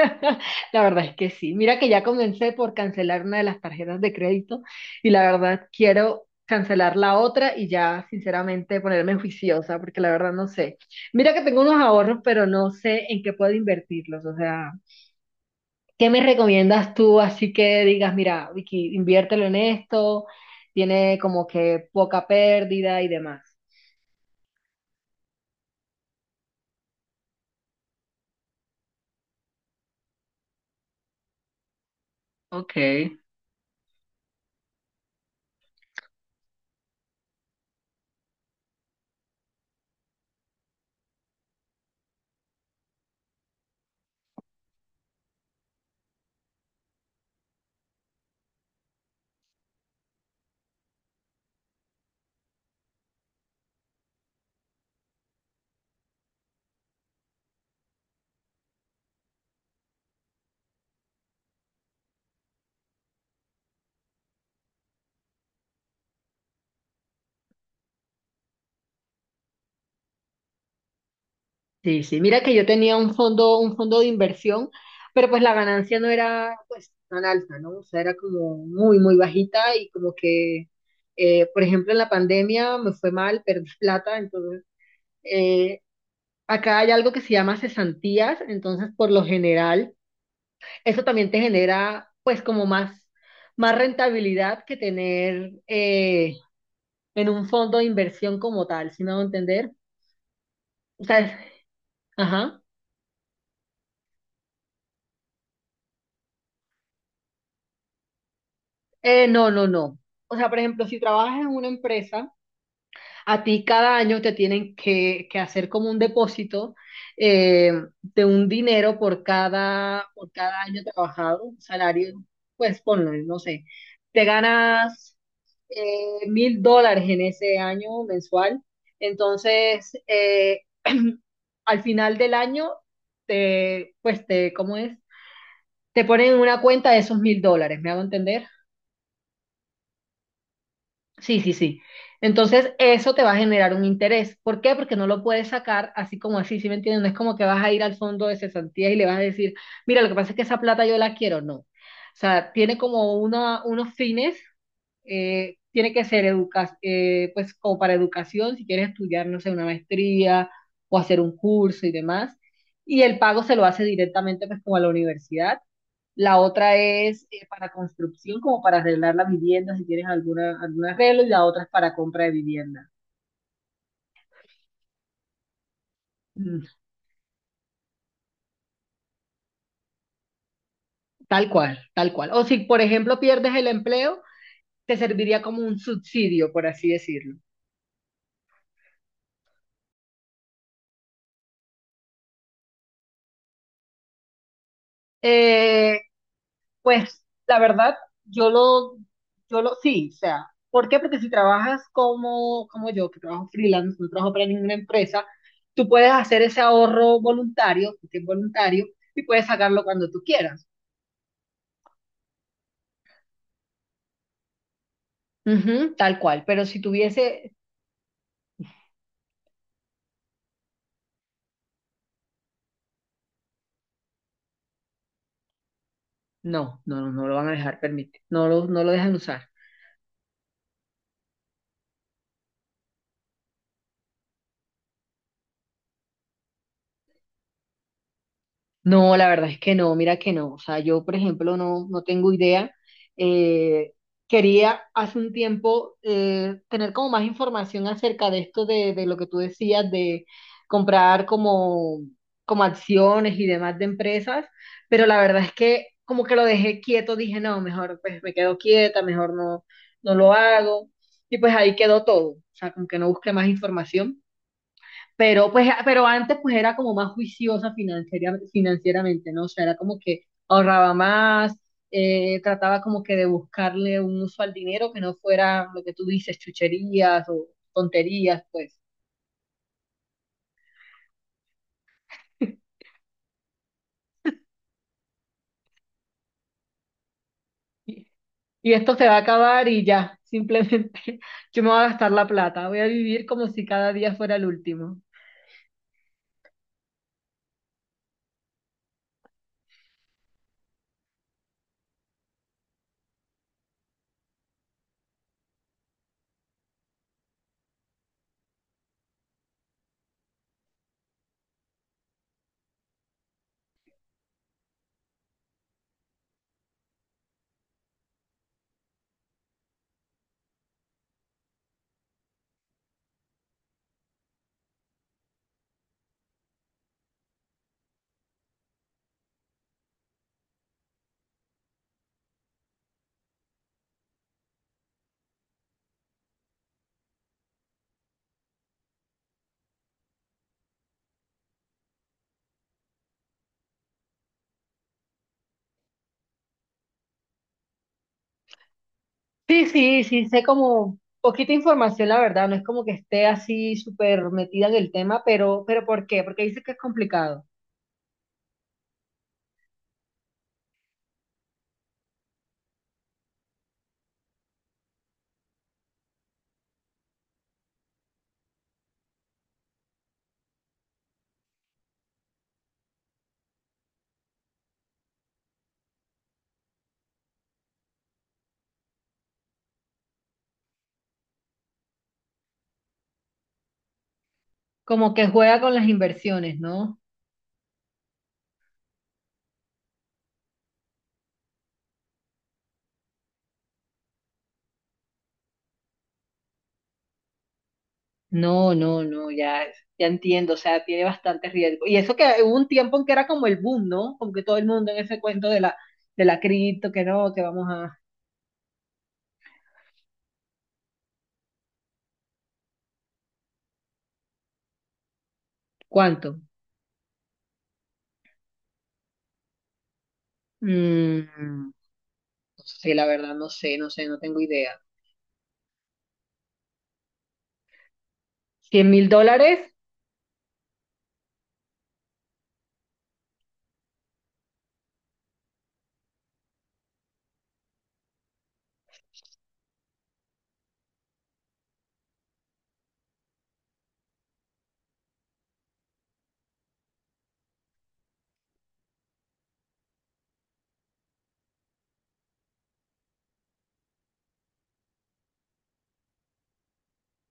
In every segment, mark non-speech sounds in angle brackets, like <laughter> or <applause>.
<laughs> La verdad es que sí. Mira que ya comencé por cancelar una de las tarjetas de crédito y la verdad quiero cancelar la otra y ya sinceramente ponerme juiciosa porque la verdad no sé. Mira que tengo unos ahorros, pero no sé en qué puedo invertirlos. O sea, ¿qué me recomiendas tú? Así que digas, mira, Vicky, inviértelo en esto, tiene como que poca pérdida y demás. Ok. Sí, sí, mira que yo tenía un fondo de inversión, pero pues la ganancia no era pues tan alta, ¿no? O sea, era como muy, muy bajita y como que, por ejemplo, en la pandemia me fue mal, perdí plata, entonces eh, acá hay algo que se llama cesantías, entonces por lo general eso también te genera pues como más rentabilidad que tener en un fondo de inversión como tal, ¿si me a entender? O sea, ajá. No, no, no. O sea, por ejemplo, si trabajas en una empresa, a ti cada año te tienen que hacer como un depósito eh, de un dinero por cada año trabajado, un salario, pues ponlo, no sé, te ganas $1.000 en ese año mensual. Entonces, <clears throat> al final del año, te, ¿cómo es? Te ponen en una cuenta de esos $1.000, ¿me hago entender? Sí, sí, sí. Entonces, eso te va a generar un interés. ¿Por qué? Porque no lo puedes sacar así como así, ¿sí me entiendes? No es como que vas a ir al fondo de cesantías y le vas a decir, mira, lo que pasa es que esa plata yo la quiero. No. O sea, tiene como unos fines, tiene que ser educa pues como para educación, si quieres estudiar, no sé, una maestría o hacer un curso y demás. Y el pago se lo hace directamente pues como a la universidad. La otra es para construcción, como para arreglar la vivienda, si tienes algún arreglo, y la otra es para compra de vivienda. Mm, tal cual, tal cual. O si, por ejemplo, pierdes el empleo, te serviría como un subsidio, por así decirlo. Eh, pues la verdad, yo lo, sí, o sea, ¿por qué? Porque si trabajas como yo, que trabajo freelance, no trabajo para ninguna empresa, tú puedes hacer ese ahorro voluntario, que es voluntario, y puedes sacarlo cuando tú quieras. Ujú, tal cual, pero si tuviese, no, no, no, no lo van a dejar permitir, no lo dejan usar. No, la verdad es que no, mira que no. O sea, yo, por ejemplo, no tengo idea. Eh, quería hace un tiempo tener como más información acerca de esto, de lo que tú decías, de comprar como acciones y demás de empresas, pero la verdad es que como que lo dejé quieto, dije, no, mejor pues me quedo quieta, mejor no, no lo hago. Y pues ahí quedó todo. O sea, como que no busqué más información. Pero antes pues era como más juiciosa financieramente, ¿no? O sea, era como que ahorraba más, trataba como que de buscarle un uso al dinero que no fuera lo que tú dices, chucherías o tonterías, pues. <laughs> Y, y esto se va a acabar y ya, simplemente <laughs> yo me voy a gastar la plata, voy a vivir como si cada día fuera el último. Sí, sí, sí, sé como poquita información, la verdad, no es como que esté así súper metida en el tema, pero ¿por qué? Porque dice que es complicado. Como que juega con las inversiones, ¿no? No, no, no, ya entiendo, o sea, tiene bastante riesgo. Y eso que hubo un tiempo en que era como el boom, ¿no? Como que todo el mundo en ese cuento de la cripto, que no, que vamos a... ¿Cuánto? No sé, la verdad, no sé, no sé, no tengo idea. ¿$100.000?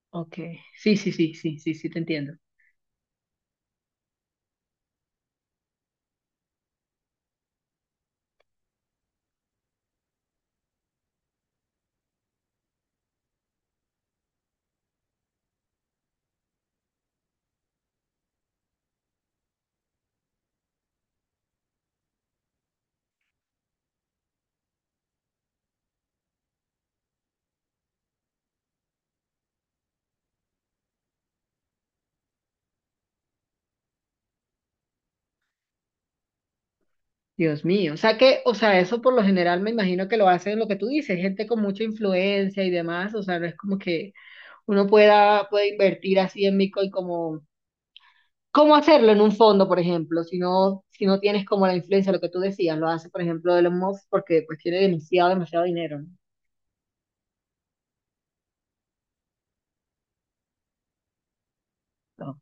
Ok, sí, sí, sí, sí, sí, sí, te entiendo. Dios mío, o sea que, o sea, eso por lo general me imagino que lo hacen lo que tú dices, gente con mucha influencia y demás, o sea, no es como que puede invertir así en Bitcoin cómo hacerlo en un fondo, por ejemplo, si no, tienes como la influencia, lo que tú decías, lo hace, por ejemplo, Elon Musk porque pues tiene demasiado, demasiado dinero, ¿no? No,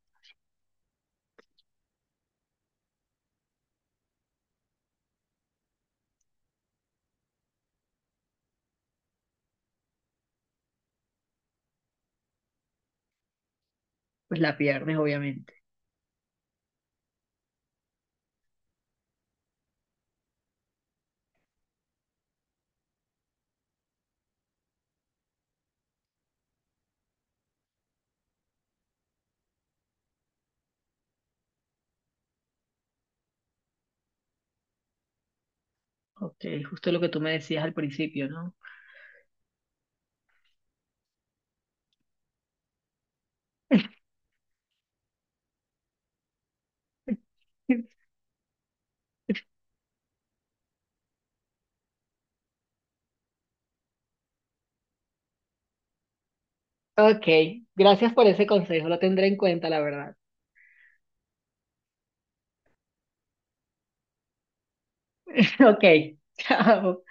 pues la pierdes, obviamente. Ok, justo lo que tú me decías al principio, ¿no? <laughs> Ok, gracias por ese consejo, lo tendré en cuenta, la verdad. <laughs> Ok, <laughs> chao.